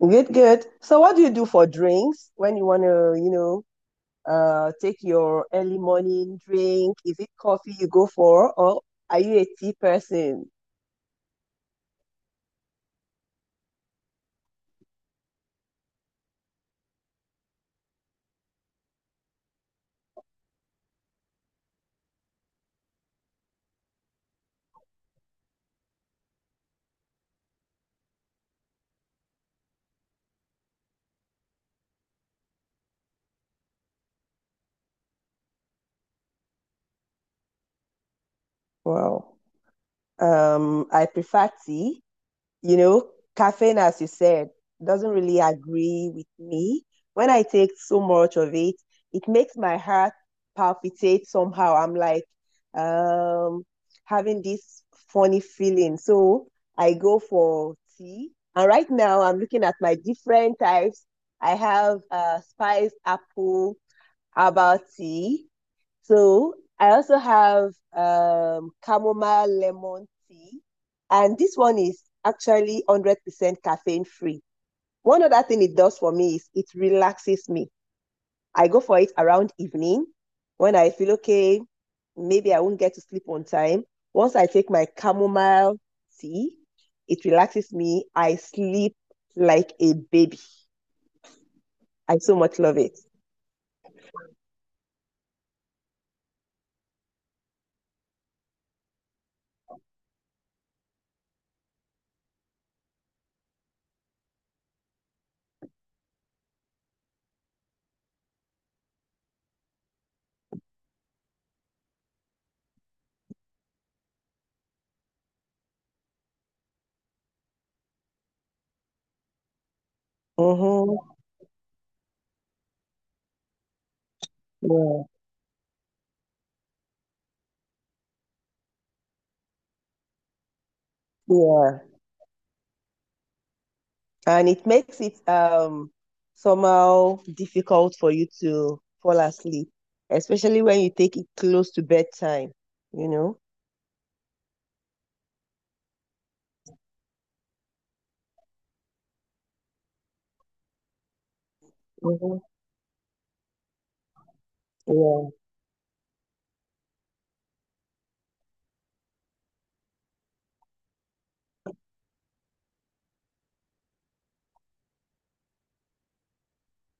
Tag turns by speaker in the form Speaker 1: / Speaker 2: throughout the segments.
Speaker 1: Good, good. So what do you do for drinks when you want to, take your early morning drink? Is it coffee you go for, or are you a tea person? Wow. I prefer tea. you know, Caffeine, as you said, doesn't really agree with me. When I take so much of it, it makes my heart palpitate somehow. I'm like um, having this funny feeling. So I go for tea. And right now, I'm looking at my different types. I have spiced apple herbal tea. So I also have chamomile lemon tea, and this one is actually 100% caffeine free. One other thing it does for me is it relaxes me. I go for it around evening when I feel okay, maybe I won't get to sleep on time. Once I take my chamomile tea, it relaxes me. I sleep like a baby. I so much love it. Mm-hmm. Yeah, yeah. And it makes it somehow difficult for you to fall asleep, especially when you take it close to bedtime, you know? Mm-hmm. Yeah,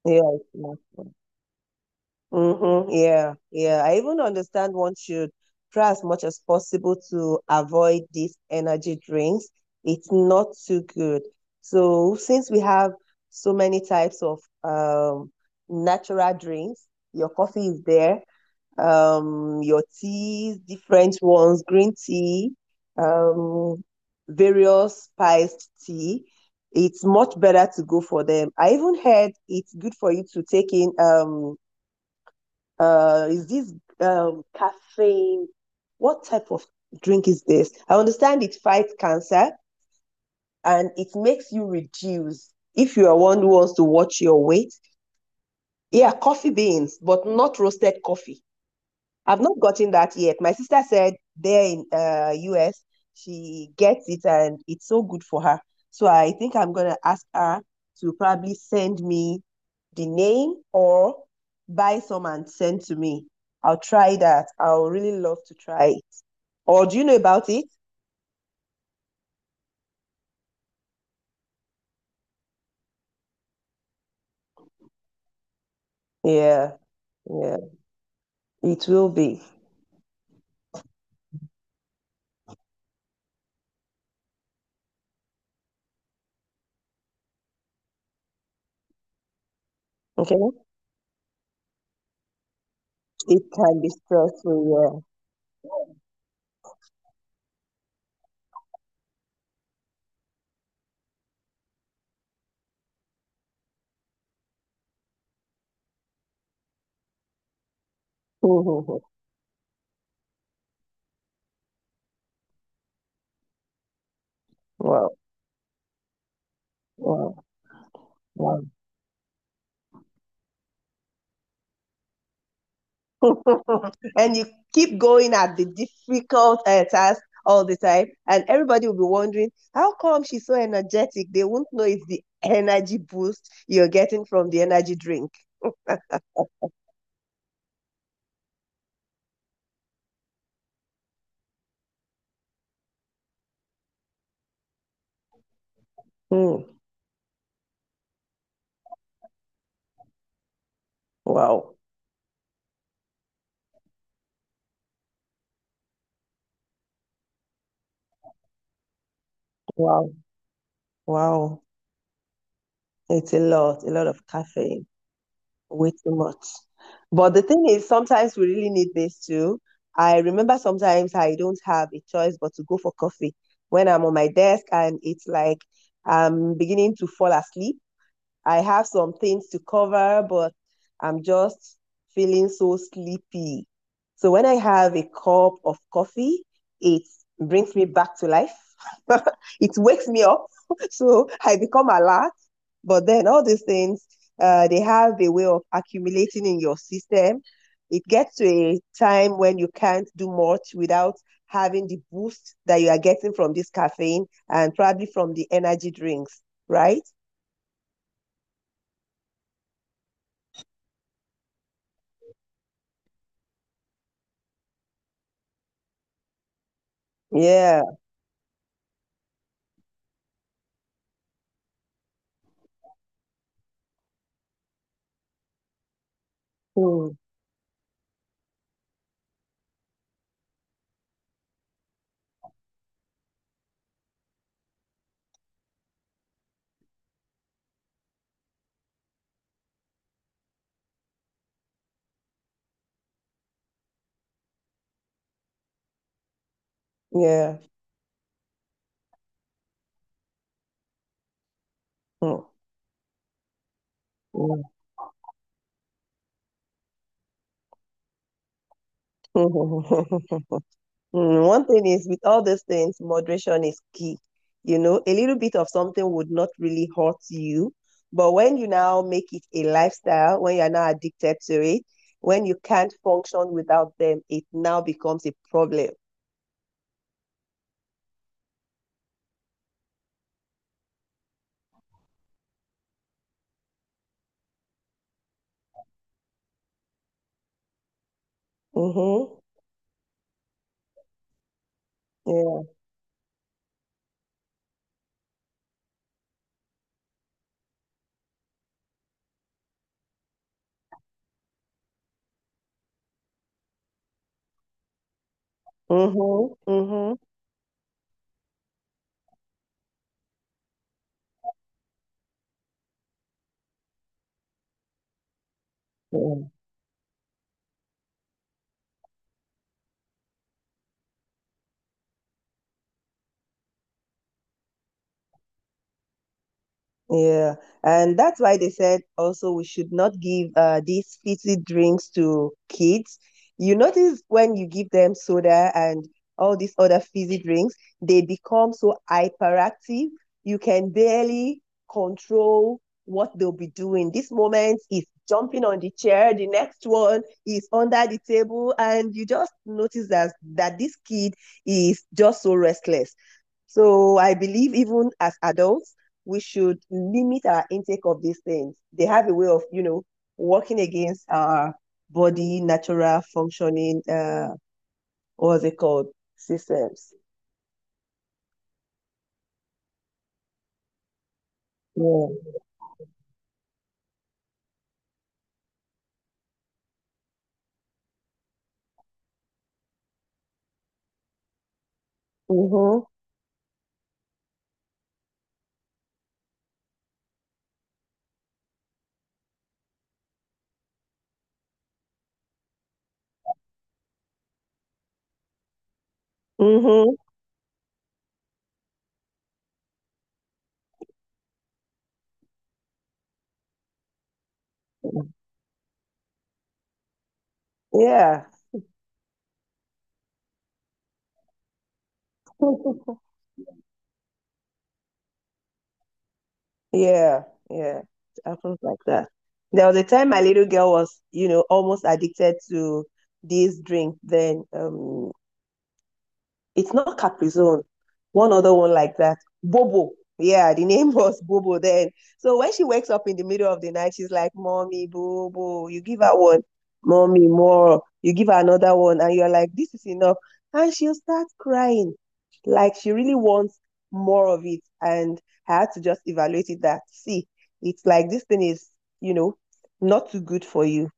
Speaker 1: yeah. It's not- Mm-hmm. Yeah, yeah. I even understand one should try as much as possible to avoid these energy drinks. It's not too good. So since we have so many types of natural drinks, your coffee is there, your teas, different ones, green tea, um, various spiced tea. It's much better to go for them. I even heard it's good for you to take in is this caffeine? What type of drink is this? I understand it fights cancer and it makes you reduce. If you are one who wants to watch your weight, yeah, coffee beans, but not roasted coffee. I've not gotten that yet. My sister said there in US, she gets it and it's so good for her. So I think I'm gonna ask her to probably send me the name or buy some and send to me. I'll try that. I'll really love to try it. Or do you know about it? Yeah, yeah, it will be. Okay, it can be stressful. Yeah. Wow, wow, wow. And you keep going at the difficult task all the time, and everybody will be wondering how come she's so energetic. They won't know it's the energy boost you're getting from the energy drink. Hmm. Wow, wow, wow! It's a lot of caffeine, way too much. But the thing is, sometimes we really need this too. I remember sometimes I don't have a choice but to go for coffee when I'm on my desk and it's like I'm beginning to fall asleep. I have some things to cover, but I'm just feeling so sleepy. So when I have a cup of coffee, it brings me back to life. It wakes me up. So I become alert. But then all these things, they have a way of accumulating in your system. It gets to a time when you can't do much without having the boost that you are getting from this caffeine and probably from the energy drinks, right? Yeah. Mm, yeah. Mm, mm. Mm, mm, one thing is with all these things, moderation is key. You know, a little bit of something would not really hurt you, but when you now make it a lifestyle, when you're now addicted to it, when you can't function without them, it now becomes a problem. Mm-hmm. Yeah. Mm-hmm. Mm-hmm. Yeah, and that's why they said also we should not give these fizzy drinks to kids. You notice when you give them soda and all these other fizzy drinks, they become so hyperactive. You can barely control what they'll be doing. This moment is jumping on the chair, the next one is under the table, and you just notice that this kid is just so restless. So I believe even as adults, we should limit our intake of these things. They have a way of, you know, working against our body natural functioning, what's it called, systems. Yeah. Mm-hmm. Mm-hmm. Yeah. Yeah. Yeah. It happens like that. There was a time my little girl was, you know, almost addicted to this drink. Then, it's not Caprizone. One other one like that. Bobo. Yeah, the name was Bobo then. So when she wakes up in the middle of the night, she's like, Mommy, Bobo. You give her one, Mommy, more. You give her another one, and you're like, this is enough. And she'll start crying. Like she really wants more of it. And I had to just evaluate it that, see, it's like this thing is, you know, not too good for you.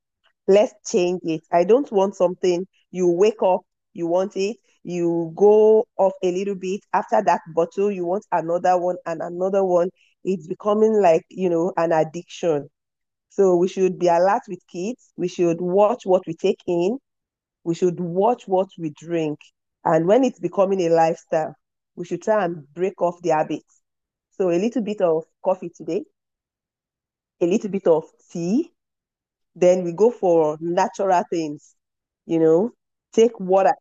Speaker 1: Let's change it. I don't want something you wake up, you want it, you go off a little bit. After that bottle, you want another one and another one. It's becoming like, you know, an addiction. So we should be alert with kids. We should watch what we take in. We should watch what we drink. And when it's becoming a lifestyle, we should try and break off the habits. So a little bit of coffee today, a little bit of tea, then we go for natural things, you know, take water.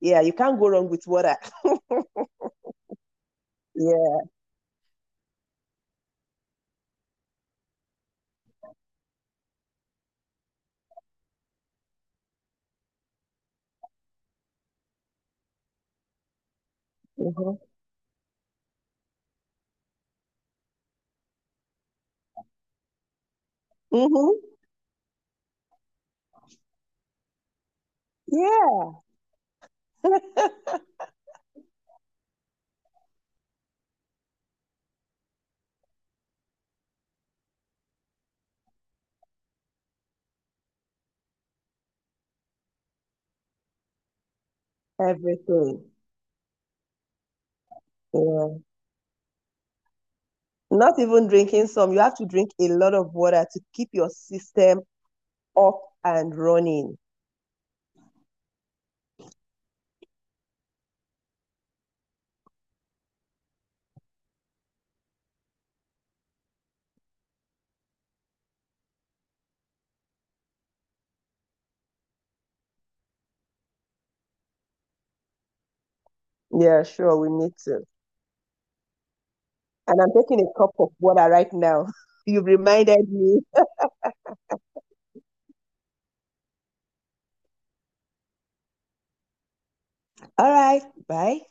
Speaker 1: Yeah, you can't go wrong with water. Yeah. Mm-hmm. Mm-hmm. Yeah. Everything. Yeah. Not even drinking some. You have to drink a lot of water to keep your system up and running. Yeah, sure, we need to. And I'm taking a cup of water right now. You reminded me. All right, bye.